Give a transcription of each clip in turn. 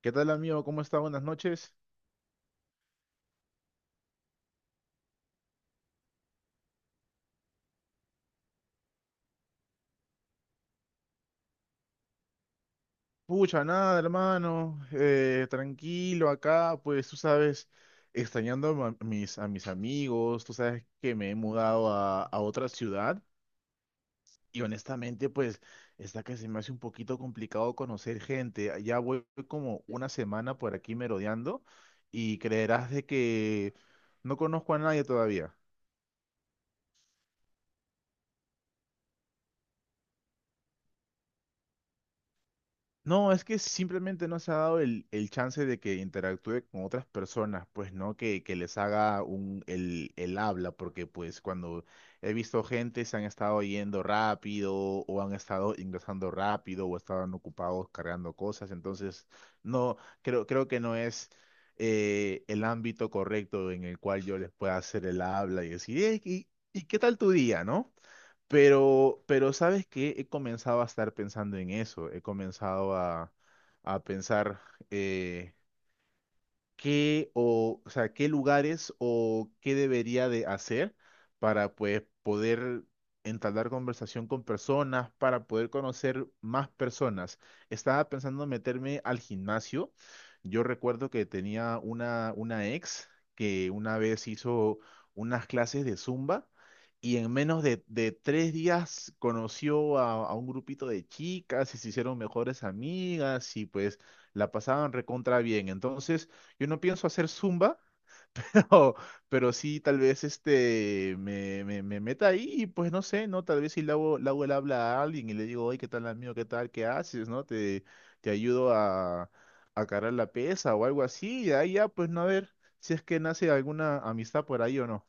¿Qué tal, amigo? ¿Cómo está? Buenas noches. Pucha, nada, hermano. Tranquilo acá, pues tú sabes, extrañando a mis amigos, tú sabes que me he mudado a otra ciudad y honestamente, pues está que se me hace un poquito complicado conocer gente. Ya voy como una semana por aquí merodeando y creerás de que no conozco a nadie todavía. No, es que simplemente no se ha dado el chance de que interactúe con otras personas, pues, ¿no? Que les haga el habla, porque pues cuando he visto gente se han estado yendo rápido o han estado ingresando rápido o estaban ocupados cargando cosas, entonces no, creo que no es el ámbito correcto en el cual yo les pueda hacer el habla y decir: "Ey, ¿y qué tal tu día, ¿no?". Pero, pero ¿sabes que he comenzado a estar pensando en eso, he comenzado a pensar, eh, qué o sea, qué lugares o qué debería de hacer para pues poder entablar conversación con personas, para poder conocer más personas. Estaba pensando meterme al gimnasio. Yo recuerdo que tenía una ex que una vez hizo unas clases de Zumba. Y en menos de tres días conoció a un grupito de chicas y se hicieron mejores amigas y pues la pasaban recontra bien. Entonces, yo no pienso hacer zumba, no, pero sí tal vez este me meta ahí y pues no sé, ¿no? Tal vez si le hago el habla a alguien y le digo: oye, ¿qué tal, amigo? ¿Qué tal? ¿Qué haces? ¿No? Te ayudo a cargar la pesa o algo así, y ahí ya, pues no, a ver si es que nace alguna amistad por ahí o no.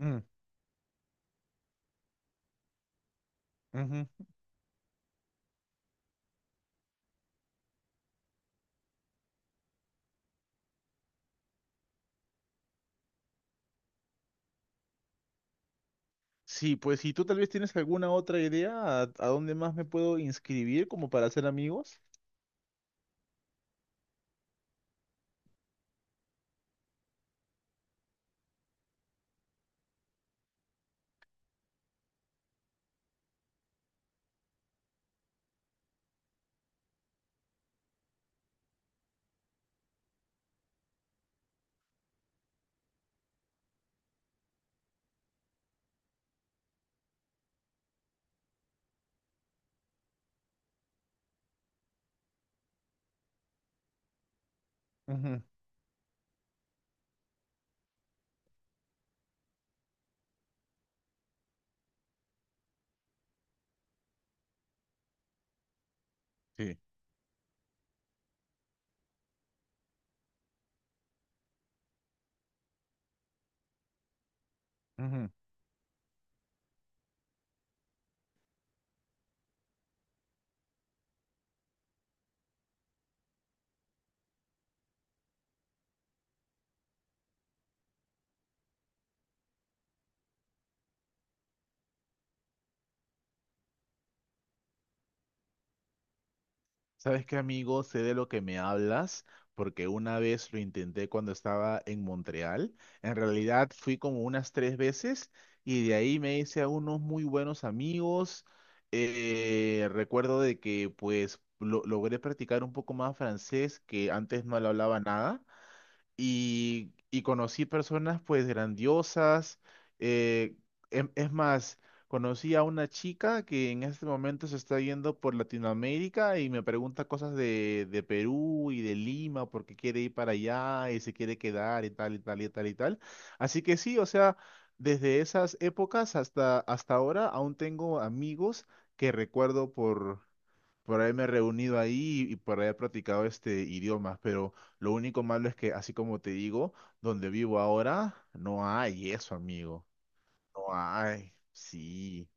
Mm. Ujú. Sí, pues si tú tal vez tienes alguna otra idea a dónde más me puedo inscribir como para hacer amigos. Ujú. Sí. Ujú. ¿Sabes qué, amigo? Sé de lo que me hablas, porque una vez lo intenté cuando estaba en Montreal. En realidad fui como unas tres veces y de ahí me hice a unos muy buenos amigos. Recuerdo de que pues logré practicar un poco más francés, que antes no lo hablaba nada y conocí personas pues grandiosas. eh, es más, conocí a una chica que en este momento se está yendo por Latinoamérica y me pregunta cosas de Perú y de Lima porque quiere ir para allá y se quiere quedar y tal y tal y tal y tal. Así que sí, o sea, desde esas épocas hasta, hasta ahora aún tengo amigos que recuerdo, por ahí me he reunido ahí y por ahí he practicado este idioma, pero lo único malo es que, así como te digo, donde vivo ahora no hay eso, amigo. No hay. Sí.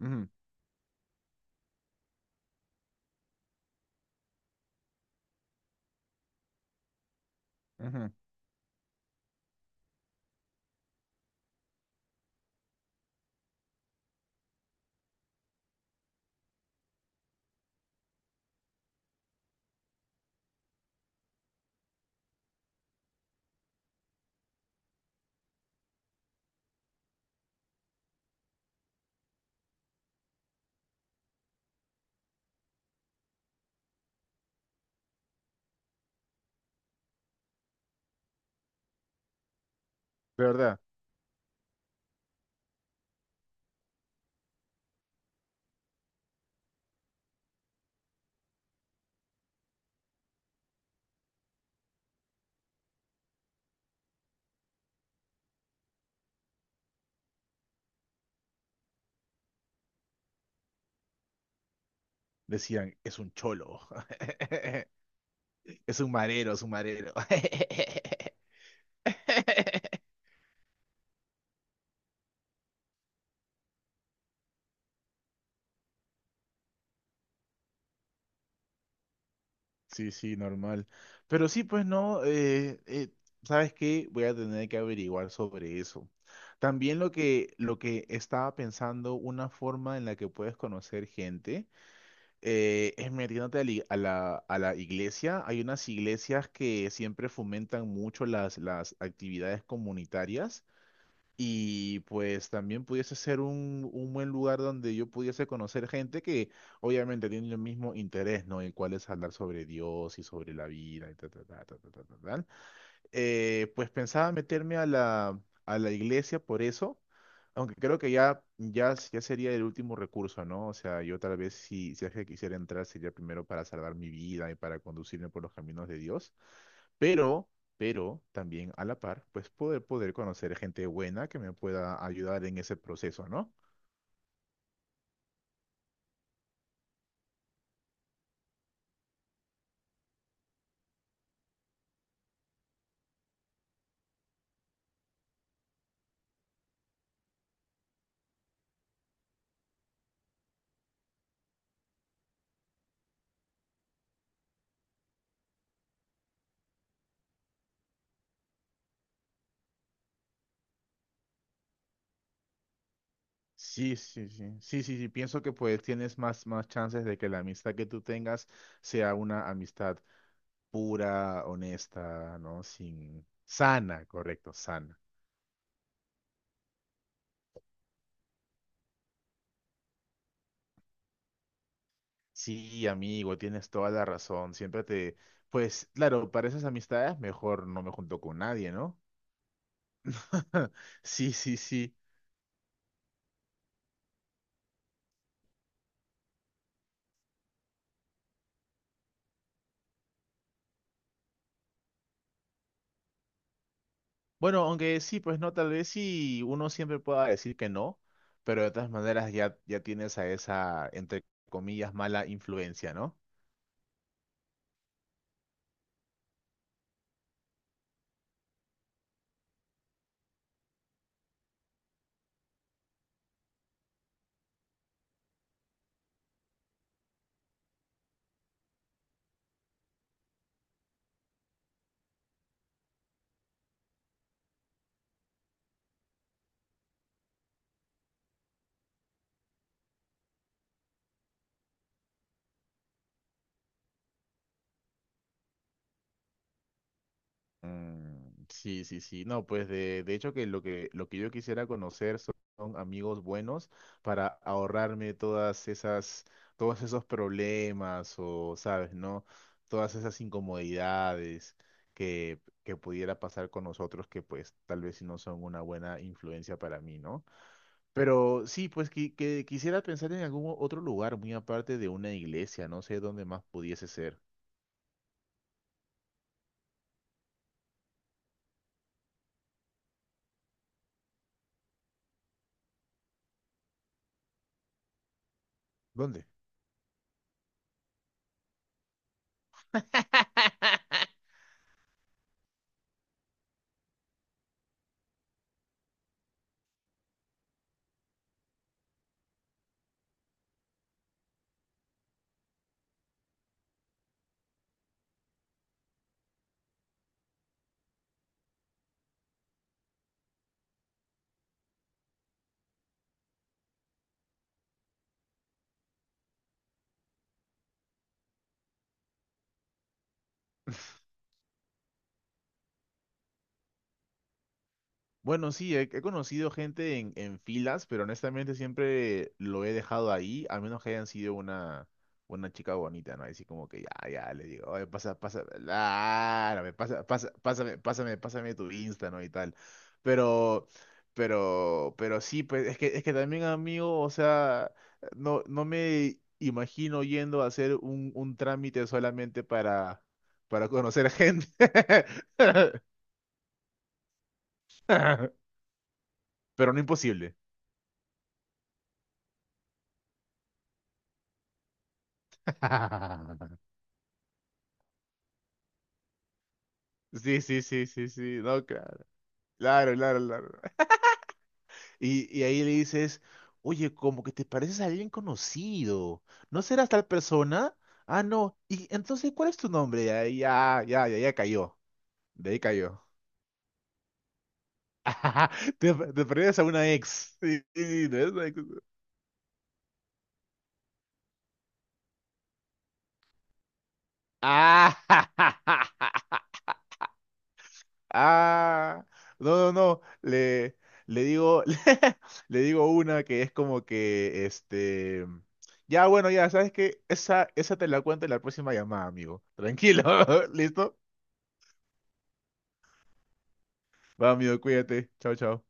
Ujú. Ujú. De verdad. Decían: es un cholo. Es un marero, es un marero. Sí, sí, normal. Pero sí, pues no, ¿sabes qué? Voy a tener que averiguar sobre eso. También lo que estaba pensando, una forma en la que puedes conocer gente, es metiéndote a la, i- a la iglesia. Hay unas iglesias que siempre fomentan mucho las actividades comunitarias. Y pues también pudiese ser un buen lugar donde yo pudiese conocer gente que obviamente tiene el mismo interés, ¿no? El cual es hablar sobre Dios y sobre la vida y tal, tal, tal, tal, tal, tal. Pues pensaba meterme a la iglesia por eso, aunque creo que ya sería el último recurso, ¿no? O sea, yo tal vez si, si es que quisiera entrar sería primero para salvar mi vida y para conducirme por los caminos de Dios, pero, pero también a la par, pues poder conocer gente buena que me pueda ayudar en ese proceso, ¿no? Sí, sí, sí, sí, sí, sí, pienso que pues tienes más, más chances de que la amistad que tú tengas sea una amistad pura, honesta, ¿no? Sin, sana, correcto, sana. Sí, amigo, tienes toda la razón. Pues, claro, para esas amistades mejor no me junto con nadie, ¿no? Sí, sí, sí. Bueno, aunque sí, pues no, tal vez sí uno siempre pueda decir que no, pero de todas maneras ya, ya tienes a esa, entre comillas, mala influencia, ¿no? Mm, sí, sí, sí. No, pues de hecho, que lo que yo quisiera conocer son amigos buenos para ahorrarme todas esas, todos esos problemas, o, sabes, ¿no? Todas esas incomodidades que pudiera pasar con nosotros, que pues tal vez sí no son una buena influencia para mí, ¿no? Pero sí, pues que quisiera pensar en algún otro lugar muy aparte de una iglesia, no sé dónde más pudiese ser. ¿Dónde? Bueno, sí, he conocido gente en filas, pero honestamente siempre lo he dejado ahí, a menos que hayan sido una chica bonita, ¿no? Así como que ya, le digo: oye, pasa, pasa, ah, me pasa, pasa, pásame, pásame, pásame tu Insta, ¿no? Y tal. Pero, pero sí, pues es que también, amigo, o sea, no me imagino yendo a hacer un trámite solamente para conocer gente. Pero no imposible. Sí, sí, sí, sí, sí, no, claro, claro, claro, claro. Y ahí le dices: oye, como que te pareces a alguien conocido, ¿no serás tal persona? Ah, no, y entonces, ¿cuál es tu nombre? Ya, ya, ya, ya, ya cayó, de ahí cayó. Te pareces a una ex. Sí, sí, sí, ¿no es una ex? Ah. Ah, no, no, no, le digo, le digo una que es como que, ya, bueno, ya, ¿sabes que Esa te la cuento en la próxima llamada, amigo. Tranquilo. ¿Listo? Va, amigo, cuídate. Chao, chao.